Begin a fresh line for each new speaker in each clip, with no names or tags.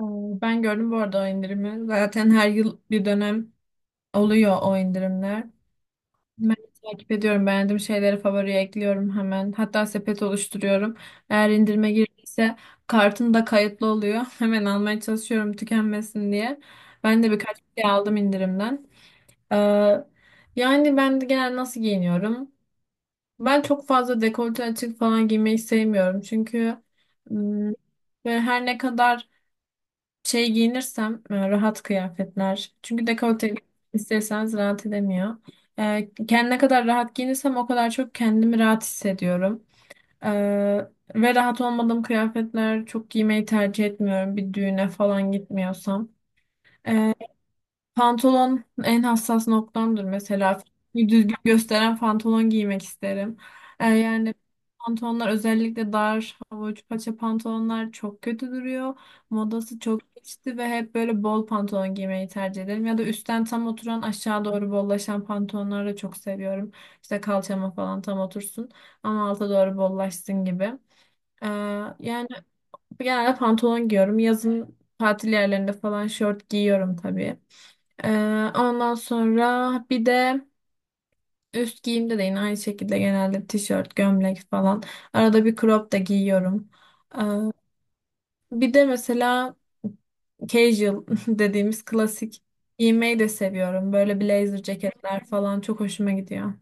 Ee, Ben gördüm bu arada o indirimi. Zaten her yıl bir dönem oluyor o indirimler. Ben takip ediyorum. Beğendiğim şeyleri favoriye ekliyorum hemen. Hatta sepet oluşturuyorum. Eğer indirime girdiyse kartım da kayıtlı oluyor. Hemen almaya çalışıyorum tükenmesin diye. Ben de birkaç şey aldım indirimden. Ee, yani ben de genel nasıl giyiniyorum? Ben çok fazla dekolte açık falan giymeyi sevmiyorum. Çünkü ım, ve her ne kadar şey giyinirsem rahat kıyafetler. Çünkü dekolte isterseniz rahat edemiyor. E, Ne kadar rahat giyinirsem o kadar çok kendimi rahat hissediyorum. E, Ve rahat olmadığım kıyafetler çok giymeyi tercih etmiyorum bir düğüne falan gitmiyorsam. E, Pantolon en hassas noktamdır mesela. Bir düzgün gösteren pantolon giymek isterim. Yani pantolonlar özellikle dar, hava uç paça pantolonlar çok kötü duruyor. Modası çok geçti ve hep böyle bol pantolon giymeyi tercih ederim. Ya da üstten tam oturan aşağı doğru bollaşan pantolonları da çok seviyorum. İşte kalçama falan tam otursun ama alta doğru bollaşsın gibi. Ee, yani genelde pantolon giyiyorum. Yazın tatil yerlerinde falan şort giyiyorum tabii. Ondan sonra bir de üst giyimde de yine aynı şekilde genelde tişört, gömlek falan. Arada bir crop da giyiyorum. Ee, bir de mesela casual dediğimiz klasik giymeyi de seviyorum. Böyle blazer ceketler falan çok hoşuma gidiyor.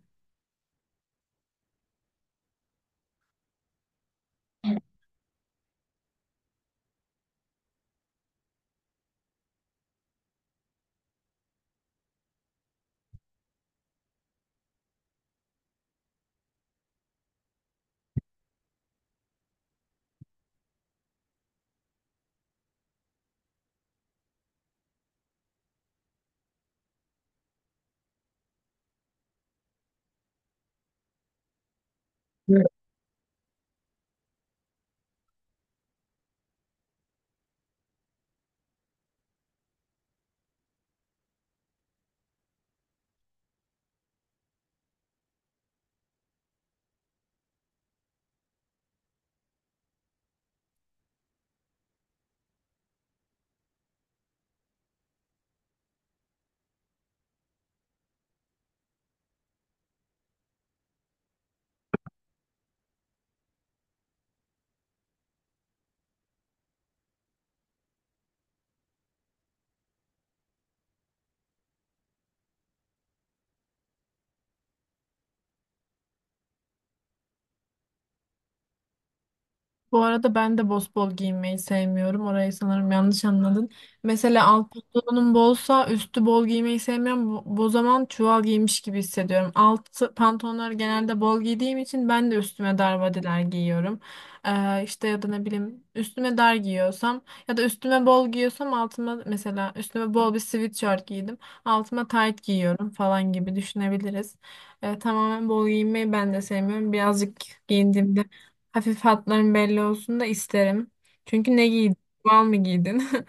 Bu arada ben de bosbol giymeyi sevmiyorum. Orayı sanırım yanlış anladın. Mesela alt pantolonum bolsa üstü bol giymeyi sevmiyorum. Bu zaman çuval giymiş gibi hissediyorum. Alt pantolonları genelde bol giydiğim için ben de üstüme darvadeler giyiyorum. İşte ya da ne bileyim üstüme dar giyiyorsam ya da üstüme bol giyiyorsam altıma mesela üstüme bol bir sweatshirt giydim. Altıma tight giyiyorum falan gibi düşünebiliriz. Tamamen bol giymeyi ben de sevmiyorum. Birazcık giyindiğimde hafif hatların belli olsun da isterim. Çünkü ne giydin? Mal mı giydin?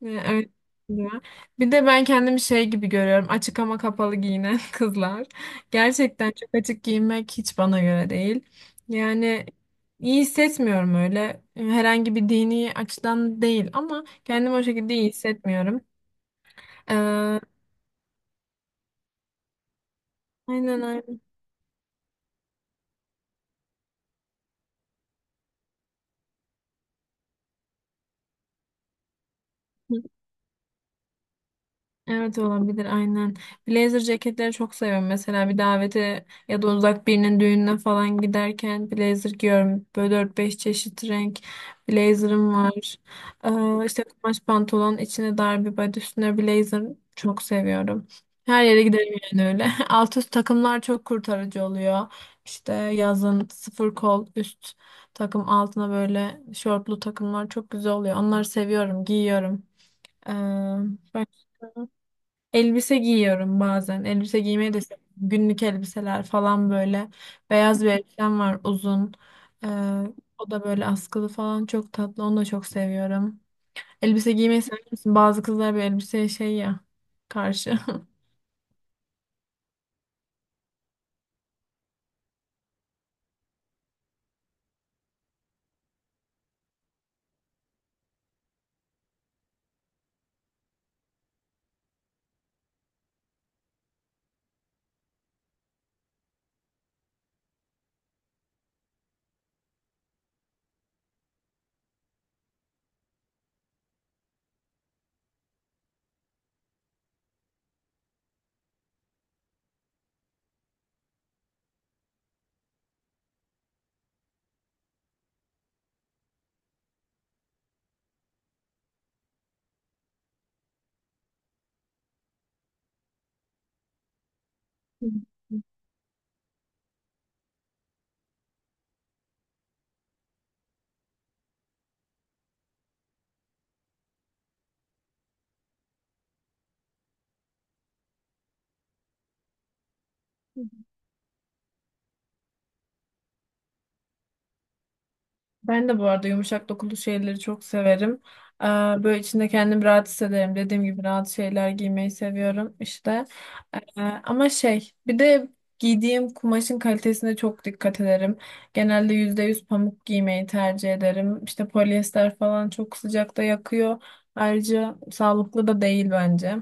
Yani öyle diyor. Bir de ben kendimi şey gibi görüyorum. Açık ama kapalı giyinen kızlar. Gerçekten çok açık giyinmek hiç bana göre değil. Yani iyi hissetmiyorum öyle. Herhangi bir dini açıdan değil ama kendimi o şekilde iyi hissetmiyorum. Ee, aynen aynen. Evet olabilir aynen. Blazer ceketleri çok seviyorum. Mesela bir davete ya da uzak birinin düğününe falan giderken blazer giyiyorum. Böyle 4-5 çeşit renk blazer'ım var. İşte kumaş pantolon, içine dar bir body, üstüne blazer çok seviyorum. Her yere giderim yani öyle. Alt üst takımlar çok kurtarıcı oluyor. İşte yazın sıfır kol üst takım altına böyle şortlu takımlar çok güzel oluyor. Onları seviyorum, giyiyorum. Ee, Elbise giyiyorum bazen. Elbise giymeyi de seviyorum. Günlük elbiseler falan böyle. Beyaz bir elbisem var uzun. Ee, o da böyle askılı falan çok tatlı. Onu da çok seviyorum. Elbise giymeyi sever misin? Bazı kızlar bir elbiseye şey ya karşı. Ben de bu arada yumuşak dokulu şeyleri çok severim. Ee, Böyle içinde kendimi rahat hissederim. Dediğim gibi rahat şeyler giymeyi seviyorum işte. Ama şey bir de giydiğim kumaşın kalitesine çok dikkat ederim. Genelde %100 pamuk giymeyi tercih ederim. İşte polyester falan çok sıcakta yakıyor. Ayrıca sağlıklı da değil bence.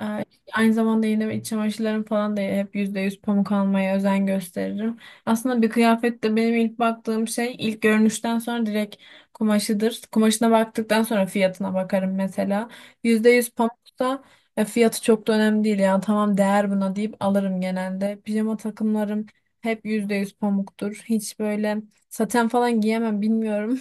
Ee, Aynı zamanda yine iç çamaşırlarım falan da hep %100 pamuk almaya özen gösteririm. Aslında bir kıyafette benim ilk baktığım şey ilk görünüşten sonra direkt kumaşıdır. Kumaşına baktıktan sonra fiyatına bakarım mesela. Yüzde yüz pamuksa fiyatı çok da önemli değil ya tamam değer buna deyip alırım genelde. Pijama takımlarım hep %100 pamuktur. Hiç böyle saten falan giyemem bilmiyorum.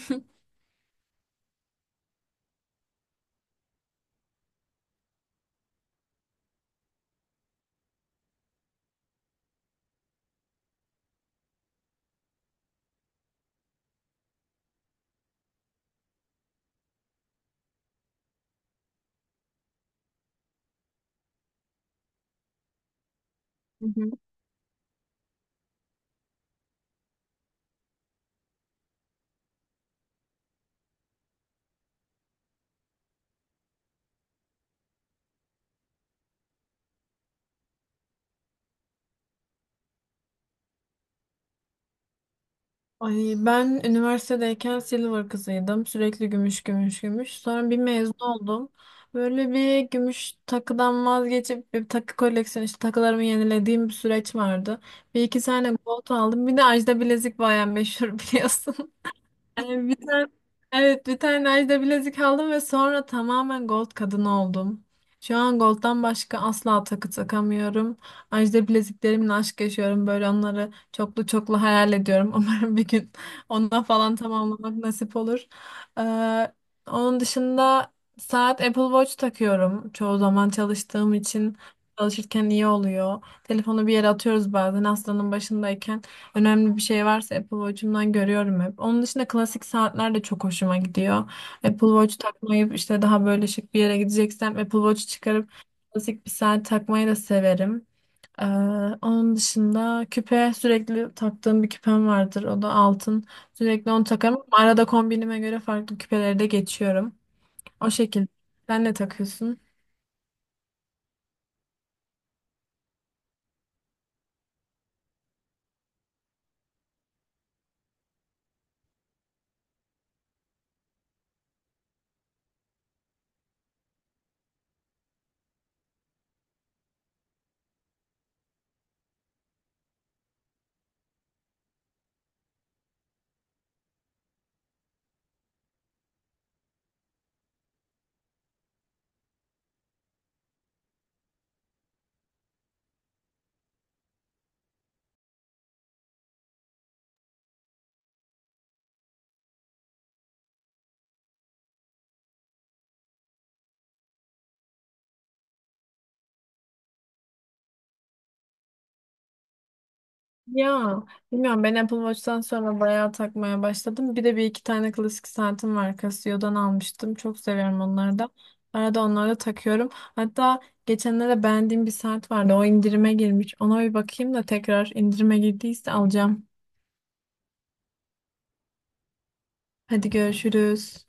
Ay ben üniversitedeyken silver kızıydım. Sürekli gümüş gümüş gümüş. Sonra bir mezun oldum. Böyle bir gümüş takıdan vazgeçip bir takı koleksiyonu işte takılarımı yenilediğim bir süreç vardı. Bir iki tane gold aldım. Bir de Ajda bilezik bayağı meşhur biliyorsun. Yani bir tane, evet bir tane Ajda bilezik aldım ve sonra tamamen gold kadın oldum. Şu an gold'dan başka asla takı takamıyorum. Ajda bileziklerimle aşk yaşıyorum. Böyle onları çoklu çoklu hayal ediyorum. Umarım bir gün onunla falan tamamlamak nasip olur. Ee, onun dışında saat Apple Watch takıyorum. Çoğu zaman çalıştığım için çalışırken iyi oluyor. Telefonu bir yere atıyoruz bazen hastanın başındayken. Önemli bir şey varsa Apple Watch'umdan görüyorum hep. Onun dışında klasik saatler de çok hoşuma gidiyor. Apple Watch takmayıp işte daha böyle şık bir yere gideceksem Apple Watch çıkarıp klasik bir saat takmayı da severim. Ee, onun dışında küpe sürekli taktığım bir küpem vardır. O da altın. Sürekli onu takarım ama arada kombinime göre farklı küpeleri de geçiyorum. O şekilde. Sen ne takıyorsun? Ya bilmiyorum ben Apple Watch'tan sonra bayağı takmaya başladım. Bir de bir iki tane klasik saatim var Casio'dan almıştım. Çok seviyorum onları da. Arada onları da takıyorum. Hatta geçenlerde beğendiğim bir saat vardı. O indirime girmiş. Ona bir bakayım da tekrar indirime girdiyse alacağım. Hadi görüşürüz.